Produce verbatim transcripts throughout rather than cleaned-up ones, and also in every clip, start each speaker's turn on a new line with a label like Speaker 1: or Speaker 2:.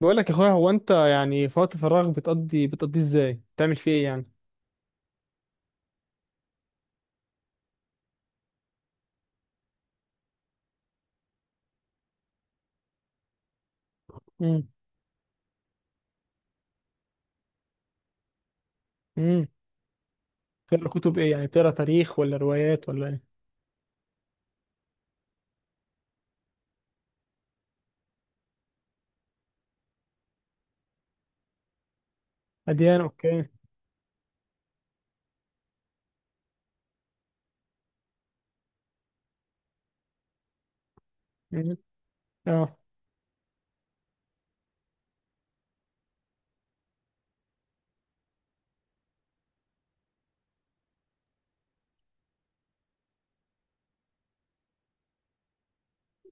Speaker 1: بقول لك يا اخويا، هو انت يعني في وقت فراغ بتقضي بتقضيه ازاي، بتعمل فيه ايه يعني؟ امم. امم. بتقرا كتب ايه يعني؟ بتقرا تاريخ ولا روايات ولا ايه؟ اديان، اوكي. امم. اه.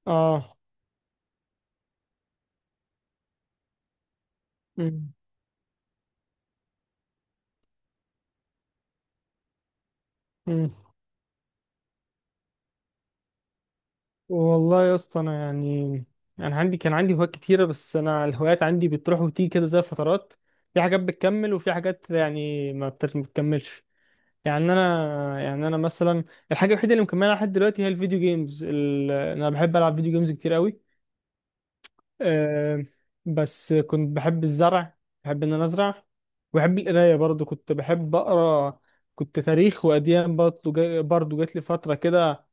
Speaker 1: اه. امم. امم. والله يا اسطى، انا يعني انا عندي كان عندي هوايات كتيره، بس انا الهوايات عندي بتروح وتيجي كده زي فترات. في حاجات بتكمل وفي حاجات يعني ما بت- ما بتكملش. يعني انا يعني انا مثلا، الحاجه الوحيده اللي مكملها لحد دلوقتي هي الفيديو جيمز ال... انا بحب العب فيديو جيمز كتير قوي. آه، بس كنت بحب الزرع، بحب ان انا ازرع، وبحب القرايه برضو، كنت بحب اقرا. كنت تاريخ واديان برضو جا- برضو جات لي فتره كده،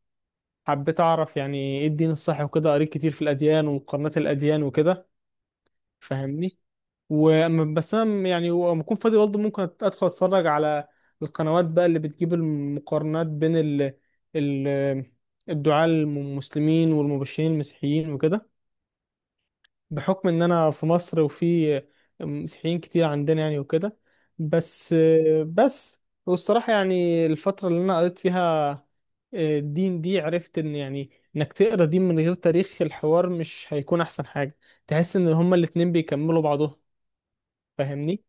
Speaker 1: حبيت اعرف يعني ايه الدين الصح وكده، قريت كتير في الاديان ومقارنات الاديان وكده. فاهمني؟ وأما- بس انا يعني لما اكون فاضي برضو ممكن ادخل اتفرج على القنوات بقى اللي بتجيب المقارنات بين ال ال الدعاة المسلمين والمبشرين المسيحيين وكده، بحكم ان انا في مصر، وفي مسيحيين كتير عندنا يعني وكده. بس بس والصراحة يعني الفترة اللي انا قريت فيها آه، الدين دي، عرفت ان يعني انك تقرا دين من غير تاريخ الحوار مش هيكون احسن حاجة، تحس ان هما الاتنين بيكملوا بعضهم. فاهمني؟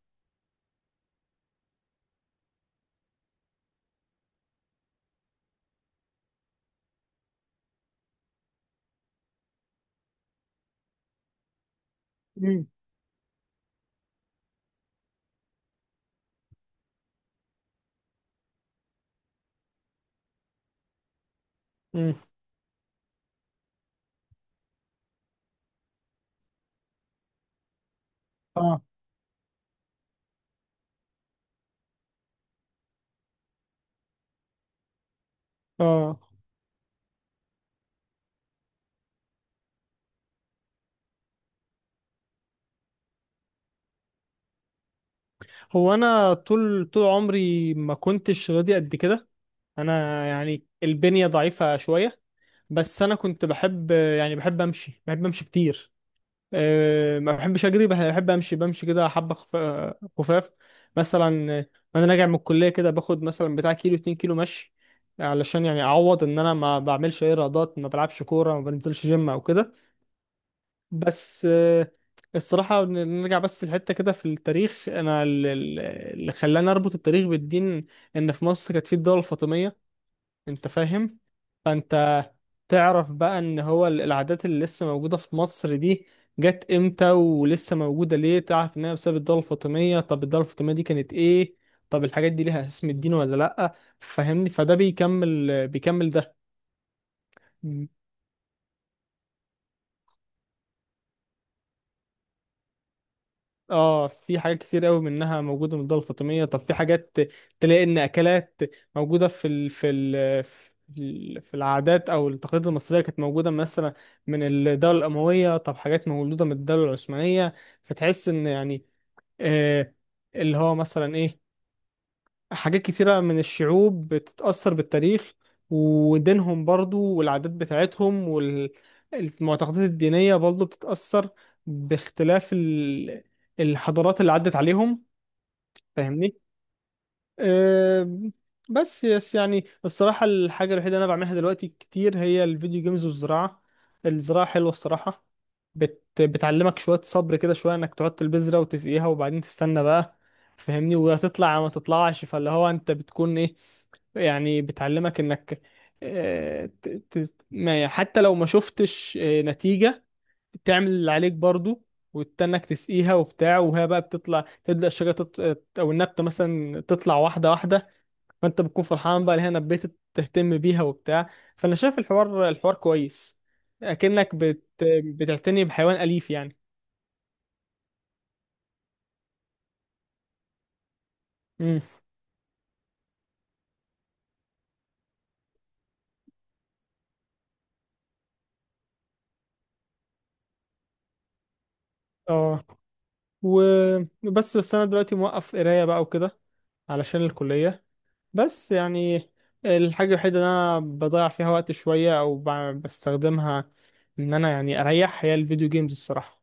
Speaker 1: مم. مم. اه. اه. هو انا طول طول عمري ما كنتش راضي قد كده، انا يعني البنية ضعيفة شوية. بس انا كنت بحب، يعني بحب امشي بحب امشي كتير. آه، ما بحبش اجري، بح- بحب امشي، بمشي كده حبه خف- آه، خفاف مثلا. آه، وانا راجع من الكليه كده باخد مثلا بتاع كيلو، اثنين كيلو مشي، علشان يعني اعوض ان انا ما بعملش اي رياضات، ما بلعبش كوره، ما بنزلش جيم او كده. بس آه، الصراحه ن- نرجع بس لحته كده في التاريخ. انا ال- ال- اللي خلاني اربط التاريخ بالدين ان في مصر كانت في الدوله الفاطميه. انت فاهم؟ فانت تعرف بقى ان هو ال- العادات اللي لسه موجودة في مصر دي جت امتى، ولسه موجودة ليه، تعرف انها بسبب الدولة الفاطمية. طب الدولة الفاطمية دي كانت ايه؟ طب الحاجات دي ليها اسم الدين ولا لأ؟ فهمني، فده بيكمل بيكمل ده. م. اه، في حاجات كتير قوي منها موجودة من الدولة الفاطمية. طب في حاجات تلاقي ان اكلات موجودة في ال في ال في ال- في العادات او التقاليد المصرية، كانت موجودة مثلا من الدولة الأموية. طب حاجات مولودة من الدولة العثمانية. فتحس ان يعني آه، اللي هو مثلا ايه، حاجات كتيرة من الشعوب بتتأثر بالتاريخ، ودينهم برضو، والعادات بتاعتهم والمعتقدات الدينية برضو بتتأثر باختلاف ال- الحضارات اللي عدت عليهم. فاهمني؟ أم، بس بس يعني الصراحة الحاجة الوحيدة اللي أنا بعملها دلوقتي كتير هي الفيديو جيمز والزراعة. الزراعة حلوة الصراحة، بت بتعلمك شوية صبر كده، شوية إنك تحط البذرة وتسقيها وبعدين تستنى بقى. فاهمني؟ وهتطلع يا ما تطلعش، فاللي هو أنت بتكون إيه، يعني بتعلمك إنك آه، ت- ت- ما يعني حتى لو ما شفتش آه، نتيجة، تعمل اللي عليك برضو، وتستناك تسقيها وبتاع، وهي بقى بتطلع، تبدأ الشجرة تط... او النبتة مثلا تطلع واحدة واحدة. فانت بتكون فرحان بقى، هنا بيت تهتم بيها وبتاع. فانا شايف الحوار، الحوار كويس، اكنك بت... بتعتني بحيوان اليف يعني. امم. اه. وبس بس انا دلوقتي موقف قرايه بقى وكده علشان الكليه. بس يعني الحاجه الوحيده اللي انا بضيع فيها وقت شويه او ب... بستخدمها ان انا يعني اريح، هي الفيديو جيمز الصراحه.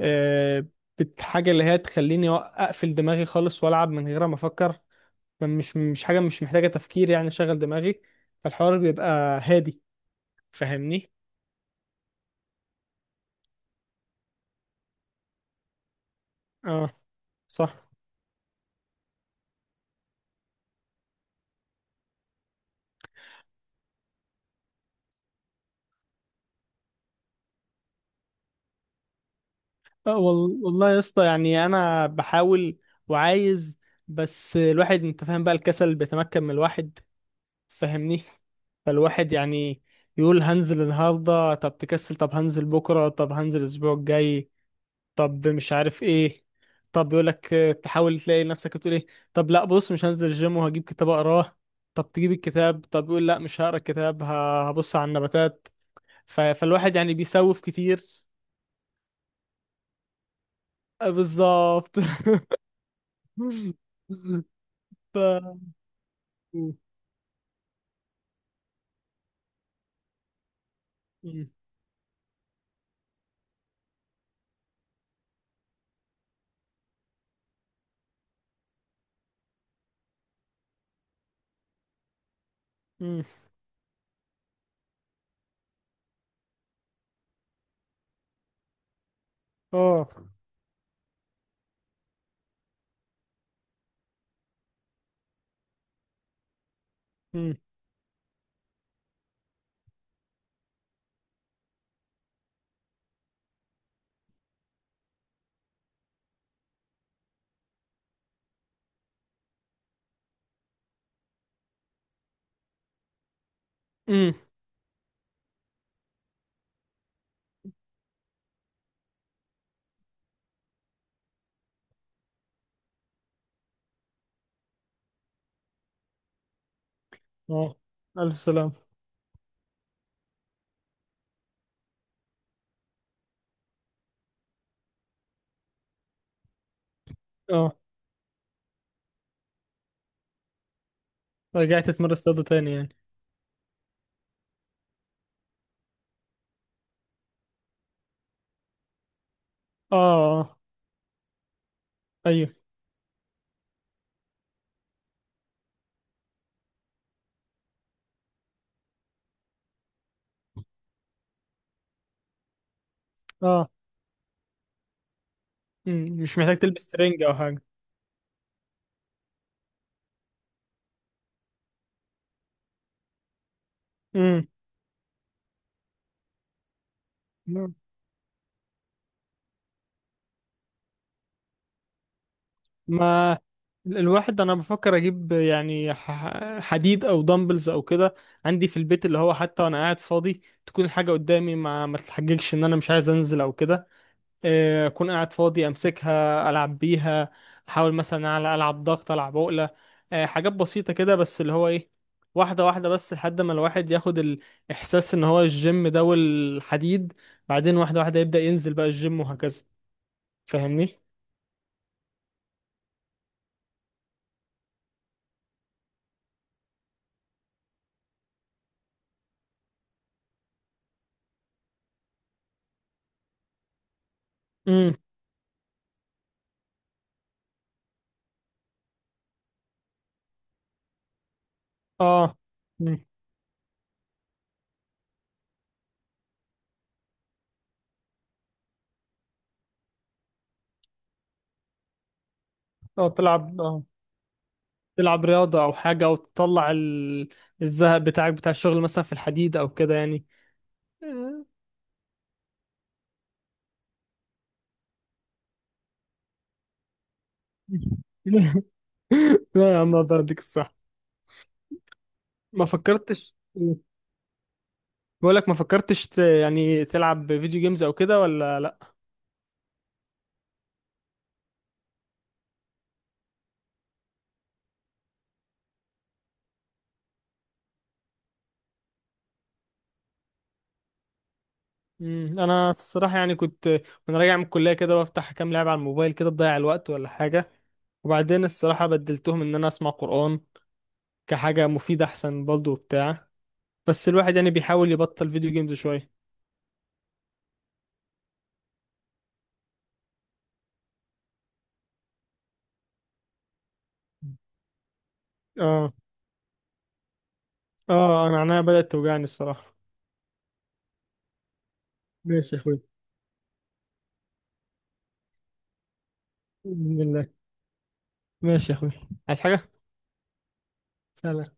Speaker 1: أه... بت- حاجه اللي هي تخليني أق- اقفل دماغي خالص والعب من غير ما افكر، مش مش حاجة، مش محتاجة تفكير يعني، شغل دماغي. فالحوار بيبقى هادي. فاهمني؟ اه. صح. آه وال- والله يا اسطى، يعني انا بحاول وعايز، بس الواحد انت فاهم بقى الكسل بيتمكن من الواحد. فاهمني؟ فالواحد يعني يقول هنزل النهارده، طب تكسل، طب هنزل بكره، طب هنزل الاسبوع الجاي، طب مش عارف ايه، طب يقول لك، تحاول تلاقي نفسك بتقول ايه، طب لا بص مش هنزل الجيم وهجيب كتاب اقراه، طب تجيب الكتاب، طب يقول لا مش هقرا الكتاب، ه- هبص على النباتات. ف... فالواحد يعني بيسوف كتير. آه، بالظبط. ف م- م- م. اه. م- م. اه. الف سلام. اه. رجعت اتمرن رياضة تاني يعني؟ اه. آه. ايوه. اه. م. مش محتاج تلبس ترنج او حاجة. م. ما ال- الواحد انا بفكر اجيب يعني ح- حديد او دمبلز او كده عندي في البيت، اللي هو حتى وانا قاعد فاضي تكون الحاجه قدامي، ما ما تتحججش ان انا مش عايز انزل او كده. آه، اكون قاعد فاضي امسكها العب بيها، احاول مثلا على العب ضغط، العب عقله. آه، حاجات بسيطه كده، بس اللي هو ايه، واحده واحده، بس لحد ما الواحد ياخد الاحساس ان هو الجيم ده والحديد، بعدين واحده واحده يبدا ينزل بقى الجيم وهكذا. فاهمني؟ امم. اه. او تلعب اه تلعب رياضة او حاجة، او تطلع ال... الزهق بتاعك بتاع الشغل مثلا في الحديد او كده يعني. آه. لا يا عم، الله يديك الصح. ما فكرتش. بقولك ما فكرتش ت... يعني تلعب فيديو جيمز او كده ولا لا؟ مم. انا الصراحة يعني كنت، وانا راجع من الكلية كده، بفتح كام لعبة على الموبايل كده تضيع الوقت ولا حاجة. وبعدين الصراحة بدلتهم ان انا اسمع قرآن كحاجة مفيدة احسن برضه وبتاع. بس الواحد يعني بيحاول يبطل فيديو جيمز شوية. اه. اه انا عينيا بدأت توجعني الصراحة. ماشي يا اخوي. باذن الله. ماشي يا اخوي. عايز حاجة؟ سلام.